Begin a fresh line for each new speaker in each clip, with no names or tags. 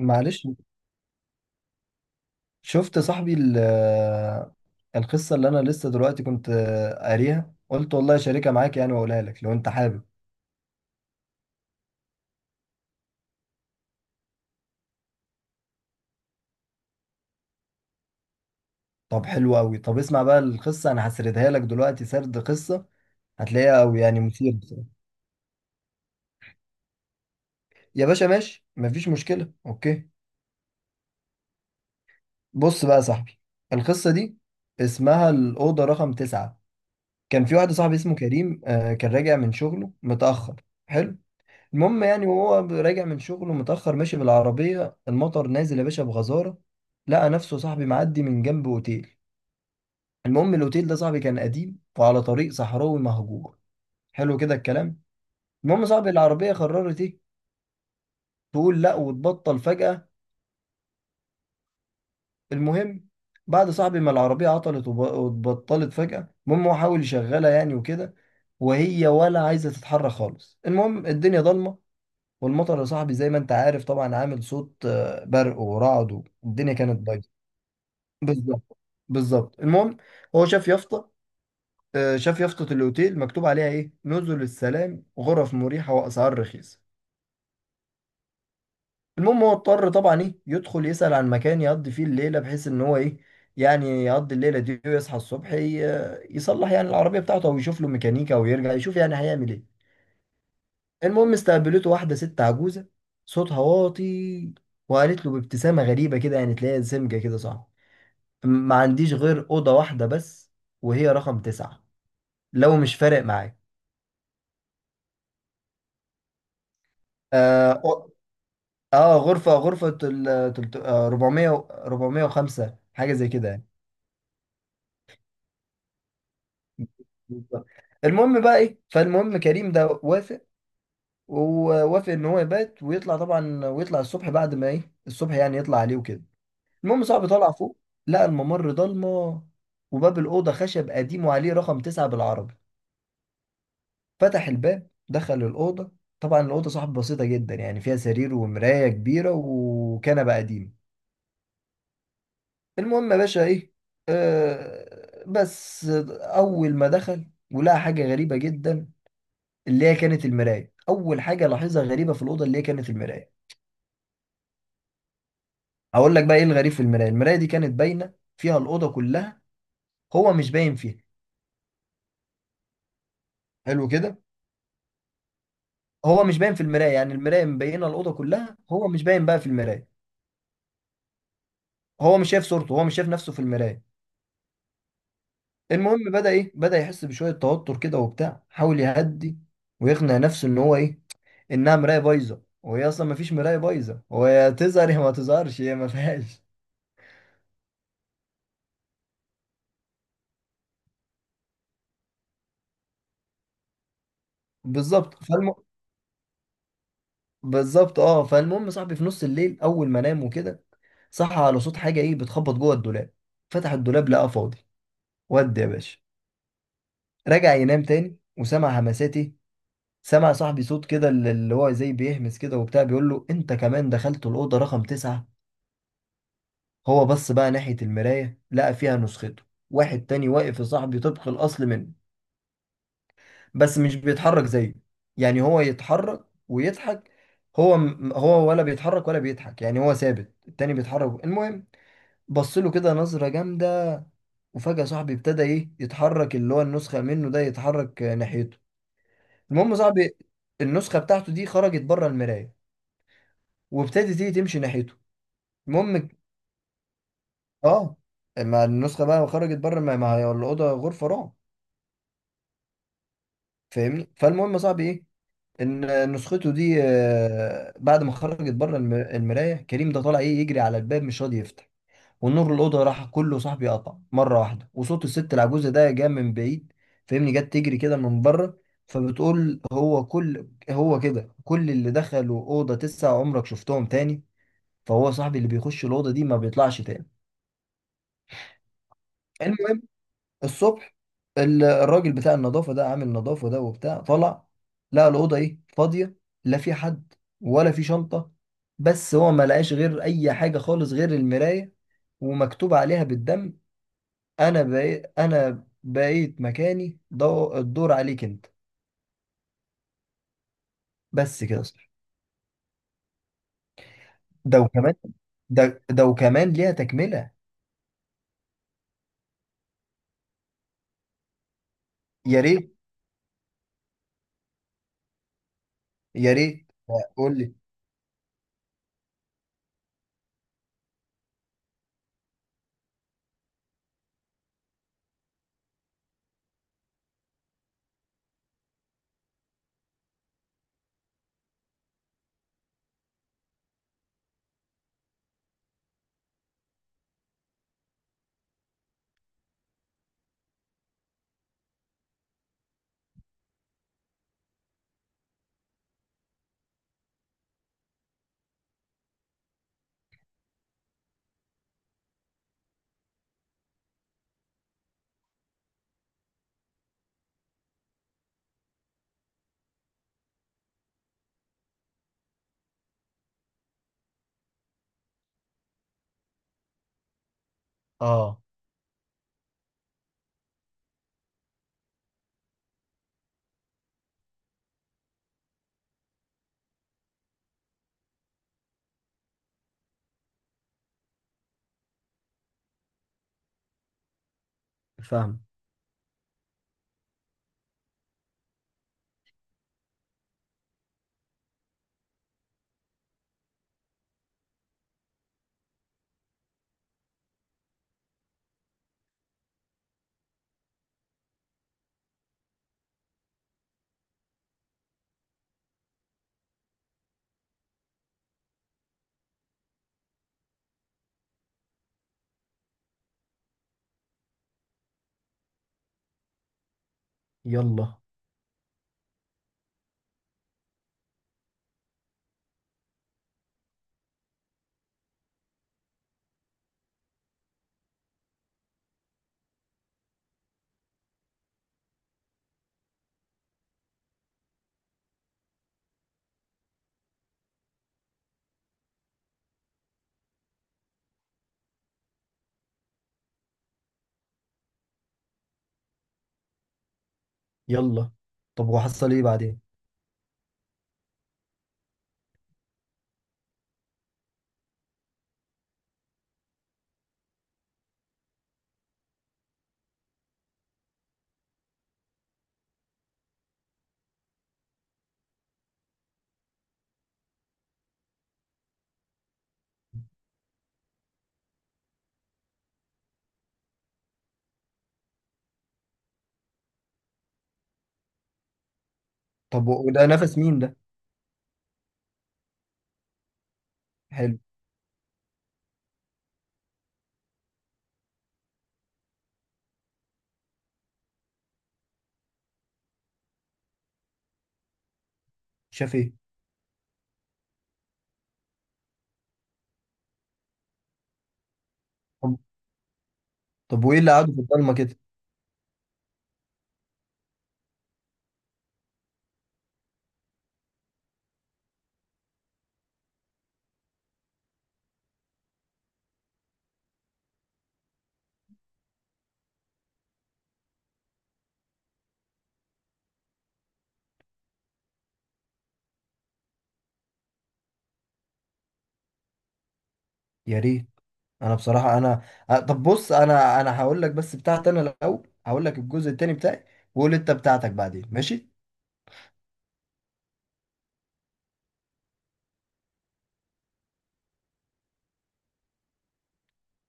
معلش شفت صاحبي القصة اللي أنا لسه دلوقتي كنت قاريها، قلت والله شاركها معاك يعني وأقولها لك لو أنت حابب. طب حلو أوي، طب اسمع بقى القصة، أنا هسردها لك دلوقتي، سرد قصة هتلاقيها أوي يعني مثير بصراحة. يا باشا ماشي مفيش مشكلة، أوكي. بص بقى يا صاحبي، القصة دي اسمها الأوضة رقم تسعة. كان في واحد صاحبي اسمه كريم، آه، كان راجع من شغله متأخر. حلو. المهم يعني، وهو راجع من شغله متأخر، ماشي بالعربية، المطر نازل يا باشا بغزارة. لقى نفسه صاحبي معدي من جنب أوتيل. المهم الأوتيل ده صاحبي كان قديم وعلى طريق صحراوي مهجور. حلو كده الكلام. المهم صاحبي العربية قررت إيه، تقول لأ وتبطل فجأة. المهم بعد صاحبي ما العربية عطلت واتبطلت فجأة، المهم هو حاول يشغلها يعني وكده، وهي ولا عايزة تتحرك خالص. المهم الدنيا ضلمة، والمطر يا صاحبي زي ما انت عارف طبعا عامل صوت، آه، برق ورعد، والدنيا كانت بايظه. بالظبط، بالظبط. المهم هو شاف يافطه، آه، شاف يافطه الاوتيل مكتوب عليها ايه، نزل السلام، غرف مريحه واسعار رخيصه. المهم هو اضطر طبعا ايه يدخل يسأل عن مكان يقضي فيه الليله، بحيث ان هو ايه يعني يقضي الليله دي ويصحى الصبح، يصلح يعني العربيه بتاعته او يشوف له ميكانيكا ويرجع يشوف يعني هيعمل ايه. المهم استقبلته واحدة ست عجوزة، صوتها واطي، وقالت له بابتسامة غريبة كده يعني تلاقيها سمجة كده صعب، ما عنديش غير أوضة واحدة بس، وهي رقم تسعة، لو مش فارق معاك. آه, أو- آه، غرفة آه، 405 حاجة زي كده يعني. بالظبط. المهم بقى إيه، فالمهم كريم ده وافق، ووافق إن هو يبات ويطلع طبعا، ويطلع الصبح بعد ما إيه الصبح يعني يطلع عليه وكده. المهم صاحبي طالع فوق، لقى الممر ضلمه، وباب الاوضه خشب قديم وعليه رقم تسعة بالعربي. فتح الباب، دخل الاوضه. طبعا الاوضه صاحبي بسيطه جدا يعني، فيها سرير ومرايه كبيره وكنبه قديم. المهم يا باشا ايه، آه بس، اول ما دخل ولقى حاجه غريبه جدا، اللي هي كانت المرايه. اول حاجه لاحظها غريبه في الاوضه اللي هي كانت المرايه. هقول لك بقى ايه الغريب في المرايه، المرايه دي كانت باينه فيها الاوضه كلها، هو مش باين فيها. حلو كده. هو مش باين في المرايه، يعني المرايه مبينه الاوضه كلها، هو مش باين بقى في المرايه، هو مش شايف صورته، هو مش شايف نفسه في المرايه. المهم بدا ايه، بدا يحس بشويه توتر كده وبتاع، حاول يهدي ويقنع نفسه ان هو ايه، انها مرايه بايظه. وهي اصلا ما فيش مرايه بايظه، هو يا تظهر يا ما تظهرش، هي ما فيهاش. بالظبط بالظبط. اه فالمهم صاحبي في نص الليل اول ما نام وكده، صحى على صوت حاجه ايه بتخبط جوه الدولاب. فتح الدولاب لقاه فاضي. ودي يا باشا. رجع ينام تاني، وسمع همسات ايه، سمع صاحبي صوت كده اللي هو زي بيهمس كده وبتاع، بيقول له انت كمان دخلت الأوضة رقم تسعة. هو بص بقى ناحية المراية، لقى فيها نسخته، واحد تاني واقف يا صاحبي طبق الأصل منه، بس مش بيتحرك زيه. يعني هو يتحرك ويضحك، هو ولا بيتحرك ولا بيضحك، يعني هو ثابت، التاني بيتحرك. المهم بص له كده نظرة جامدة. وفجأة صاحبي ابتدى ايه يتحرك، اللي هو النسخة منه ده يتحرك، آه، ناحيته. المهم صاحبي النسخة بتاعته دي خرجت بره المراية، وابتدت تيجي تمشي ناحيته. المهم ك- اه، ما النسخه بقى خرجت بره، ما هي الاوضه غرفه رعب. فاهمني؟ فالمهم يا صاحبي ايه، ان نسخته دي آه، بعد ما خرجت بره المرايه، كريم ده طالع ايه يجري على الباب، مش راضي يفتح. والنور الاوضه راح كله صاحبي، قطع مره واحده، وصوت الست العجوزه ده جاء من بعيد، فاهمني، جت تجري كده من بره، فبتقول، هو كده كل اللي دخلوا اوضه تسعة عمرك شفتهم تاني؟ فهو صاحبي اللي بيخش الاوضه دي ما بيطلعش تاني. المهم الصبح الراجل بتاع النظافة ده، عامل نظافة ده وبتاع، طلع لقى الأوضة إيه، فاضية، لا في حد ولا في شنطة، بس هو ما لقاش غير أي حاجة خالص غير المراية، ومكتوب عليها بالدم، أنا بقيت مكاني الدور عليك أنت. بس كده صح. ده وكمان، ده وكمان ليها تكملة. يا ريت، يا ريت. قول لي. آه. فاهم. يلا يلا. طب وحصل إيه بعدين؟ طب وده نفس مين ده؟ حلو. شاف ايه؟ طب، طب وايه اللي قعدوا في الضلمه كده؟ يا ريت. انا بصراحه انا، طب بص، انا هقول لك بس بتاعتي انا الاول، هقول لك الجزء التاني بتاعي، وقول انت بتاعتك بعدين، ماشي؟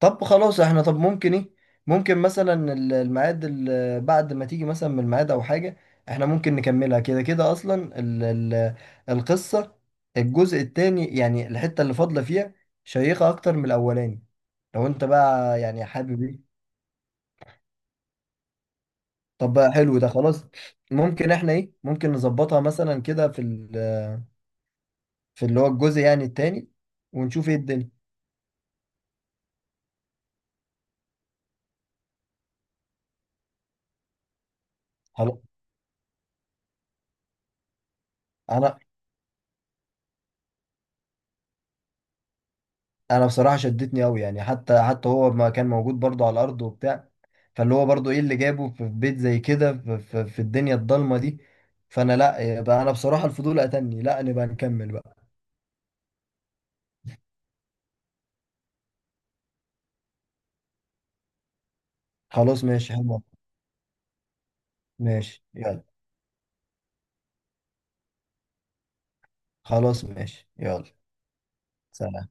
طب خلاص احنا، طب ممكن ايه، ممكن مثلا الميعاد بعد ما تيجي مثلا من الميعاد او حاجه، احنا ممكن نكملها كده كده اصلا، ال ال القصه الجزء التاني يعني الحته اللي فاضله فيها شيقه اكتر من الاولاني، لو انت بقى يعني حابب إيه؟ طب بقى حلو، ده خلاص، ممكن احنا ايه، ممكن نظبطها مثلا كده في في اللي هو الجزء يعني التاني، ونشوف ايه الدنيا. خلاص. انا انا بصراحة شدتني قوي يعني، حتى هو ما كان موجود برضو على الارض وبتاع، فاللي هو برضو ايه اللي جابه في بيت زي كده، في الدنيا الضلمة دي. فانا لا يبقى، انا بصراحة الفضول قتلني، لا نبقى نكمل بقى. خلاص ماشي حلو، ماشي يلا، خلاص ماشي يلا، سلام.